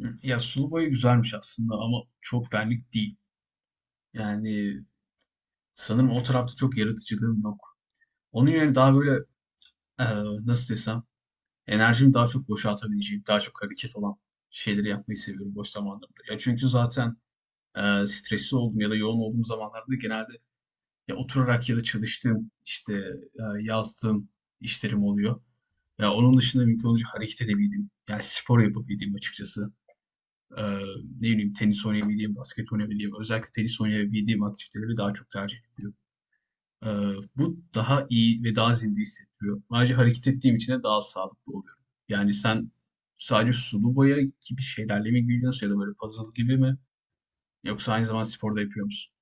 Hı. Ya sulu boya güzelmiş aslında ama çok benlik değil. Yani sanırım o tarafta çok yaratıcılığım yok. Onun yerine daha böyle e, nasıl desem enerjimi daha çok boşaltabileceğim, daha çok hareket olan şeyleri yapmayı seviyorum boş zamanlarımda. Ya çünkü zaten stresli olduğum ya da yoğun olduğum zamanlarda genelde ya oturarak ya da çalıştığım işte yazdığım işlerim oluyor. Ya onun dışında mümkün olunca hareket edebildiğim, yani spor yapabildiğim açıkçası. e, Ne bileyim tenis oynayabildiğim, basket oynayabildiğim, özellikle tenis oynayabildiğim aktiviteleri daha çok tercih ediyorum. E, Bu daha iyi ve daha zinde hissettiriyor. Ayrıca hareket ettiğim için de daha sağlıklı oluyorum. Yani sen sadece sulu boya gibi şeylerle mi ilgileniyorsun ya da böyle puzzle gibi mi? Yoksa aynı zamanda sporda yapıyor musun?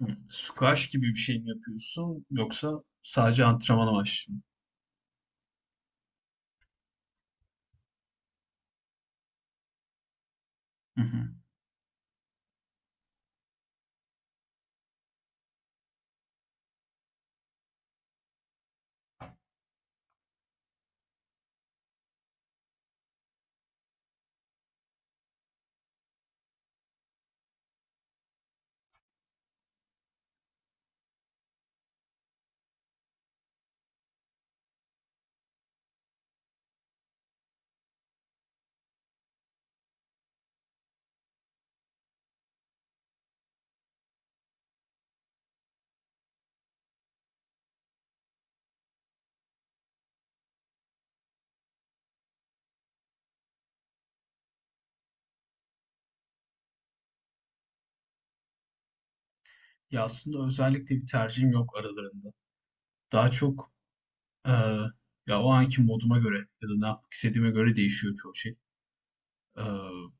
Hı. Squash gibi bir şey mi yapıyorsun yoksa sadece antrenman amaçlı mı? Hı hı. Ya aslında özellikle bir tercihim yok aralarında. Daha çok Eee, ya o anki moduma göre ya da ne yapmak istediğime göre değişiyor çoğu şey. Eee,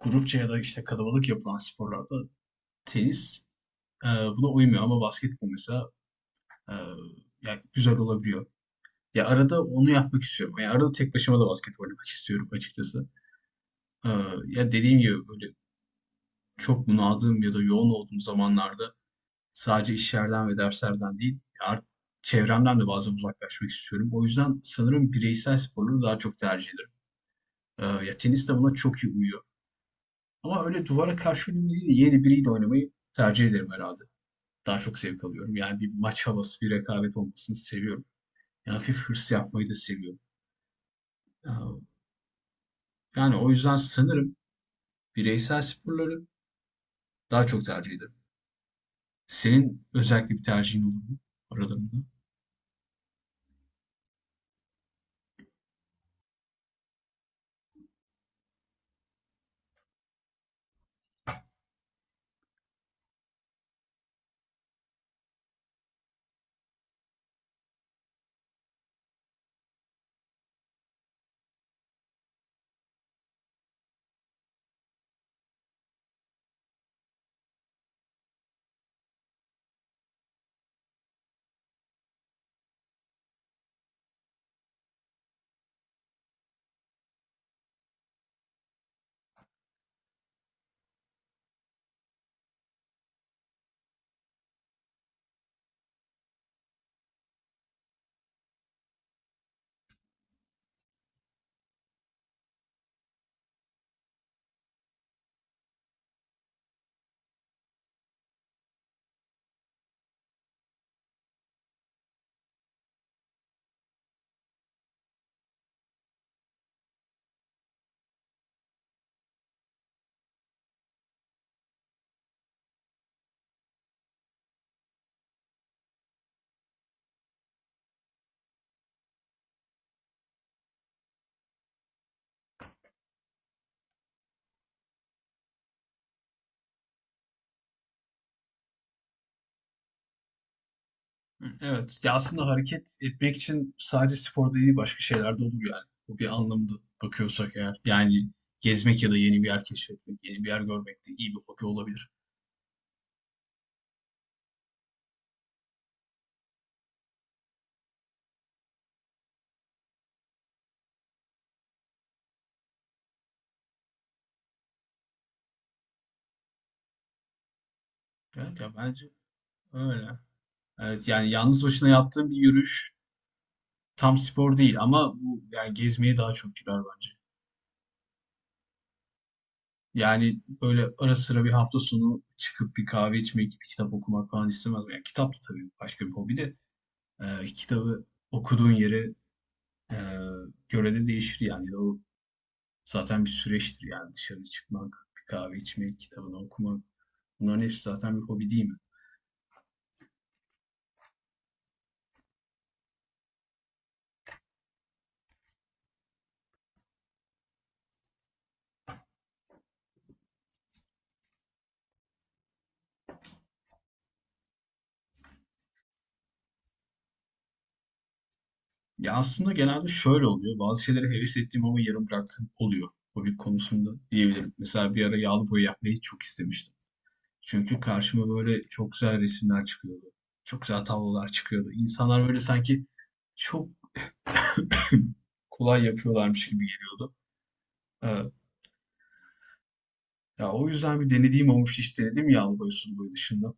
Grupça ya da işte kalabalık yapılan sporlarda tenis eee, buna uymuyor ama basketbol mesela eee, yani güzel olabiliyor. Ya arada onu yapmak istiyorum. Yani arada tek başıma da basket oynamak istiyorum açıkçası. Eee, Ya dediğim gibi böyle çok bunaldığım ya da yoğun olduğum zamanlarda sadece işlerden ve derslerden değil, çevremden de bazen uzaklaşmak istiyorum. O yüzden sanırım bireysel sporları daha çok tercih ediyorum. Ya tenis de buna çok iyi uyuyor. Ama öyle duvara karşı oynamayı değil de yeni biriyle oynamayı tercih ederim herhalde. Daha çok zevk alıyorum. Yani bir maç havası, bir rekabet olmasını seviyorum. Yani hafif hırs yapmayı da seviyorum. Ee, Yani o yüzden sanırım bireysel sporları daha çok tercih ederim. Senin özellikle bir tercihin olur mu aralarında? Hı, evet. Ya aslında hareket etmek için sadece sporda değil başka şeyler de olur yani. Bu bir anlamda bakıyorsak eğer. Yani gezmek ya da yeni bir yer keşfetmek, yeni bir yer görmek de iyi bir hobi olabilir. Evet, ya bence öyle. Evet, yani yalnız başına yaptığım bir yürüyüş tam spor değil ama bu yani gezmeye daha çok girer bence. Yani böyle ara sıra bir hafta sonu çıkıp bir kahve içmek, bir kitap okumak falan istemez miyim? Yani kitap da tabii başka bir hobi de kitabı okuduğun yere e, göre de değişir yani. O zaten bir süreçtir yani dışarı çıkmak, bir kahve içmek, kitabını okumak. Bunların hepsi zaten bir hobi değil mi? Ya aslında genelde şöyle oluyor. Bazı şeylere heves ettiğim ama yarım bıraktığım oluyor. Hobi konusunda diyebilirim. Mesela bir ara yağlı boya yapmayı çok istemiştim. Çünkü karşıma böyle çok güzel resimler çıkıyordu. Çok güzel tablolar çıkıyordu. İnsanlar böyle sanki çok kolay yapıyorlarmış gibi geliyordu. Evet. Ya o yüzden bir denediğim olmuştu. Hiç denedim yağlı boya sulu boya dışında.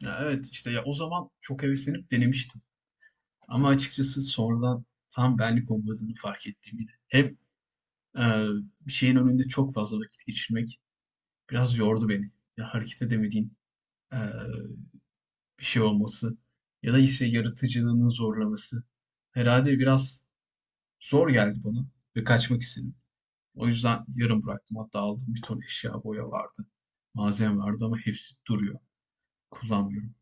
Ya evet işte ya o zaman çok heveslenip denemiştim. Ama açıkçası sonradan tam benlik olmadığını fark ettim yine. Hem Eee, bir şeyin önünde çok fazla vakit geçirmek biraz yordu beni. Ya, hareket edemediğin, eee, bir şey olması ya da, işte, yaratıcılığının zorlaması herhalde biraz zor geldi bana ve kaçmak istedim. O yüzden yarım bıraktım. Hatta aldığım bir ton eşya, boya vardı, malzeme vardı ama hepsi duruyor. Kullanmıyorum.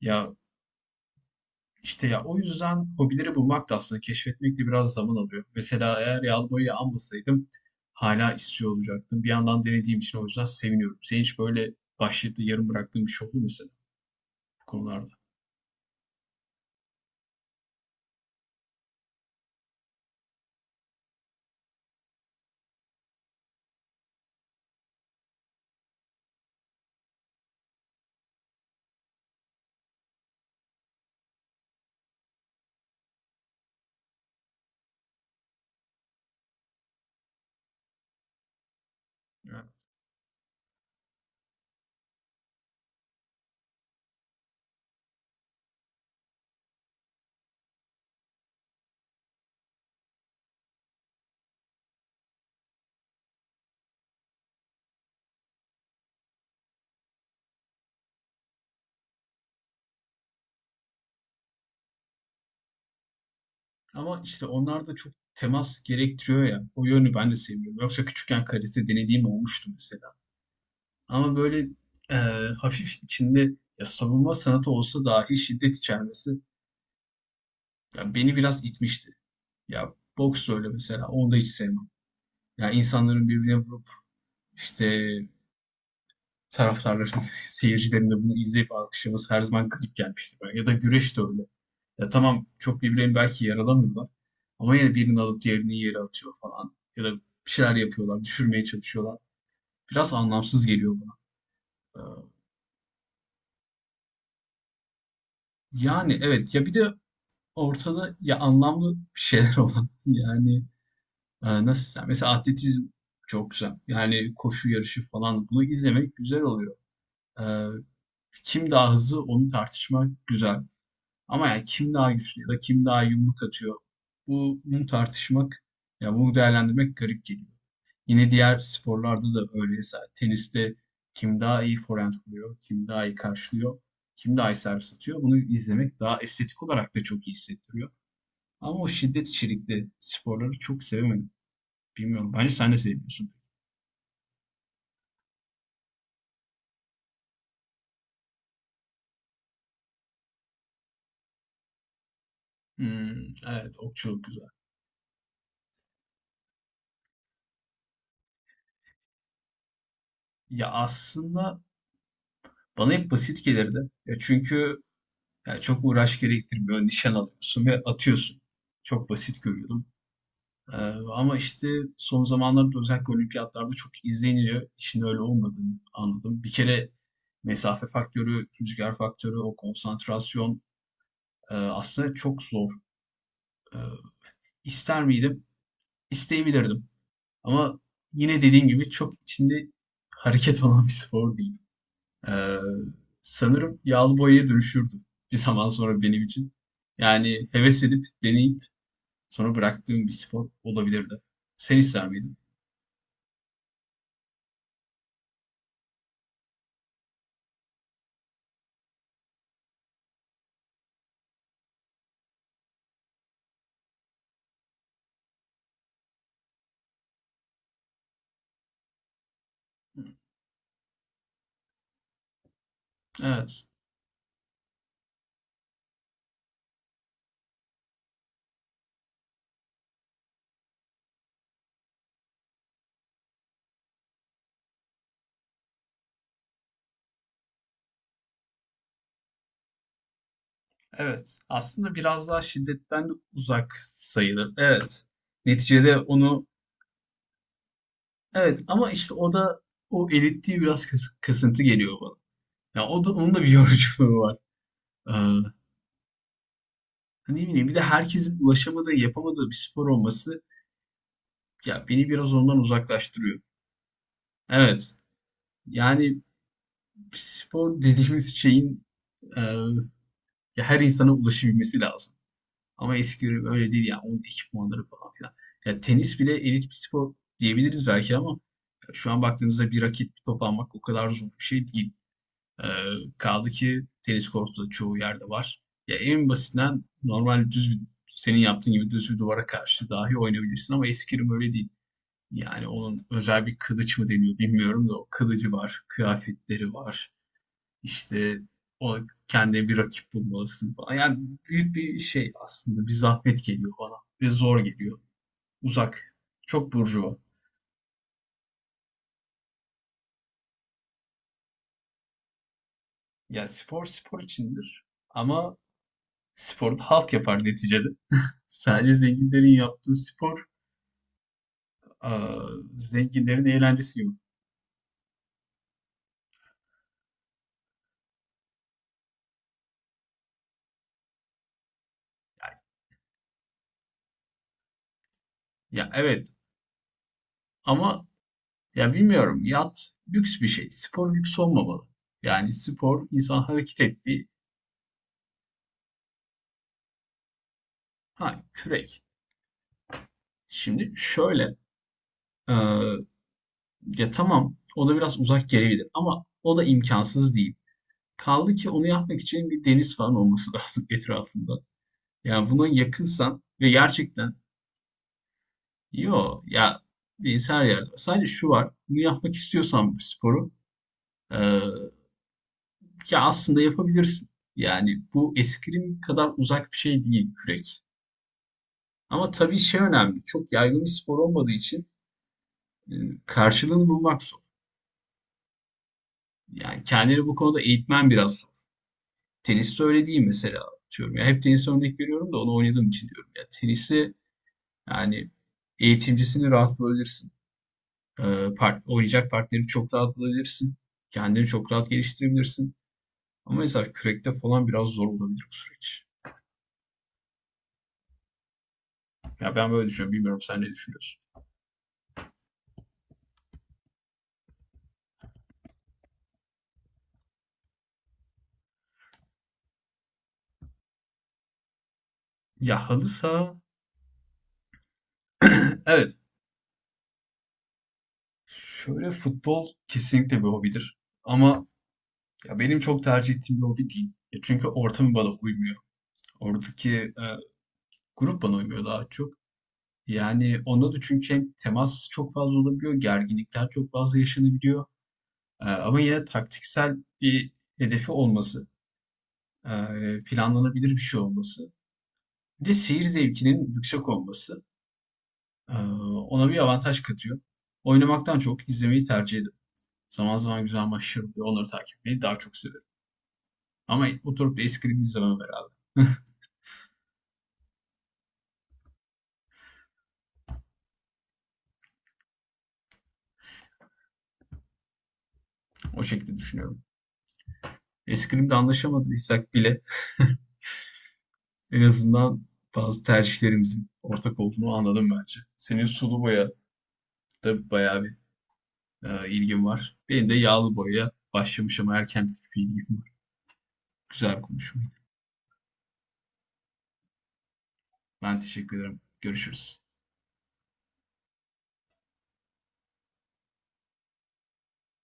Ya, İşte ya o yüzden hobileri bulmak da aslında keşfetmek de biraz zaman alıyor. Mesela eğer yağlı boyayı almasaydım hala istiyor olacaktım. Bir yandan denediğim için o yüzden seviniyorum. Senin hiç böyle başlayıp da yarım bıraktığın bir şey oldu mu mesela bu konularda? Yani. Ama işte onlar da çok temas gerektiriyor ya. O yönü ben de sevmiyorum. Yoksa küçükken karate denediğim olmuştu mesela. Ama böyle e, hafif içinde ya savunma sanatı olsa dahi şiddet içermesi ya beni biraz itmişti. Ya boks öyle mesela. Onu da hiç sevmem. Yani insanların birbirine vurup işte taraftarların, seyircilerin de bunu izleyip alkışlaması her zaman garip gelmişti bana. Ya da güreş de öyle. Ya tamam, çok birbirlerini belki yaralamıyorlar. Ama yine birini alıp diğerini yere atıyor falan. Ya da bir şeyler yapıyorlar, düşürmeye çalışıyorlar. Biraz anlamsız geliyor bana. Ee, Yani evet, ya bir de ortada ya anlamlı bir şeyler olan yani nasıl desem mesela atletizm çok güzel. Yani koşu yarışı falan bunu izlemek güzel oluyor. Eee, Kim daha hızlı onu tartışmak güzel. Ama yani kim daha güçlü ya da kim daha yumruk atıyor bu bunu tartışmak ya bunu değerlendirmek garip geliyor. Yine diğer sporlarda da öyle. Mesela teniste kim daha iyi forehand vuruyor, kim daha iyi karşılıyor, kim daha iyi servis atıyor. Bunu izlemek daha estetik olarak da çok iyi hissettiriyor. Ama o şiddet içerikli sporları çok sevemedim. Bilmiyorum. Bence sen de seviyorsun? Hmm, evet okçuluk güzel. Ya aslında bana hep basit gelirdi. Ya çünkü yani çok uğraş gerektirmiyor. Nişan alıyorsun ve atıyorsun. Çok basit görüyordum. Ee, Ama işte son zamanlarda özellikle olimpiyatlarda çok izleniliyor. İşin öyle olmadığını anladım. Bir kere mesafe faktörü, rüzgar faktörü, o konsantrasyon aslında çok zor. Ee, ister miydim? İsteyebilirdim. Ama yine dediğim gibi çok içinde hareket olan bir spor değil. Ee, Sanırım yağlı boyaya dönüşürdü bir zaman sonra benim için. Yani heves edip deneyip sonra bıraktığım bir spor olabilirdi. Sen ister miydin? Evet. Evet. Aslında biraz daha şiddetten uzak sayılır. Evet. Neticede onu evet ama işte o da o elitliği biraz kasıntı geliyor bana. Ya o da onun da bir yoruculuğu var. Hani ne bileyim bir de herkesin ulaşamadığı, yapamadığı bir spor olması ya beni biraz ondan uzaklaştırıyor. Evet. Yani spor dediğimiz şeyin e, ya her insana ulaşabilmesi lazım. Ama eski ürün öyle değil yani onun ekipmanları falan filan. Ya tenis bile elit bir spor diyebiliriz belki ama şu an baktığımızda bir raket bir top almak o kadar zor bir şey değil. E, Kaldı ki tenis kortu da çoğu yerde var. Ya en basitinden normal düz bir, senin yaptığın gibi düz bir duvara karşı dahi oynayabilirsin ama eskrim öyle değil. Yani onun özel bir kılıç mı deniyor bilmiyorum da o kılıcı var, kıyafetleri var. İşte o kendine bir rakip bulmalısın falan. Yani büyük bir şey aslında. Bir zahmet geliyor bana. Ve zor geliyor. Uzak. Çok burjuva. Yani spor spor içindir. Ama sporu da halk yapar neticede. Sadece zenginlerin yaptığı spor aa, zenginlerin eğlencesi yok. Yani, ya evet ama ya bilmiyorum yat lüks bir şey. Spor lüks olmamalı. Yani spor insan hareket ettiği ha kürek. Şimdi şöyle aa, ya tamam, o da biraz uzak gelebilir ama o da imkansız değil. Kaldı ki onu yapmak için bir deniz falan olması lazım etrafında. Yani buna yakınsan ve gerçekten yo ya deniz her yerde var. Sadece şu var, bunu yapmak istiyorsan bu sporu e, ya aslında yapabilirsin. Yani bu eskrim kadar uzak bir şey değil kürek. Ama tabii şey önemli, çok yaygın bir spor olmadığı için e, karşılığını bulmak zor. Yani kendini bu konuda eğitmen biraz zor. Teniste öyle değil mesela diyorum. Ya hep tenise örnek veriyorum da onu oynadığım için diyorum. Ya tenisi yani eğitimcisini rahat bulabilirsin. Ee, Oynayacak partneri çok rahat bulabilirsin. Kendini çok rahat geliştirebilirsin. Ama mesela kürekte falan biraz zor olabilir bu süreç. Ya ben böyle düşünüyorum. Bilmiyorum sen ne düşünüyorsun? Ya halı saha evet. Şöyle futbol kesinlikle bir hobidir. Ama ya benim çok tercih ettiğim bir hobi değil. Ya çünkü ortamı bana uymuyor. Oradaki grup bana uymuyor daha çok. Yani, onda da çünkü hem temas çok fazla olabiliyor, gerginlikler çok fazla yaşanabiliyor, ama yine taktiksel bir hedefi olması, planlanabilir bir şey olması, bir de seyir zevkinin yüksek olması, eee, ona bir avantaj katıyor. Oynamaktan çok izlemeyi tercih ederim. Zaman zaman güzel maçlar oluyor, onları takip etmeyi daha çok severim ama oturup da eskrim izlemem herhâlde. O şekilde düşünüyorum. Eskrimde anlaşamadıysak bile en azından bazı tercihlerimizin ortak olduğunu anladım bence. Senin sulu boya da bayağı bir ilgin var. Benim de yağlı boyaya başlamış ama erken bir ilgim var. Güzel bir konuşmaydı. Ben teşekkür ederim. Görüşürüz.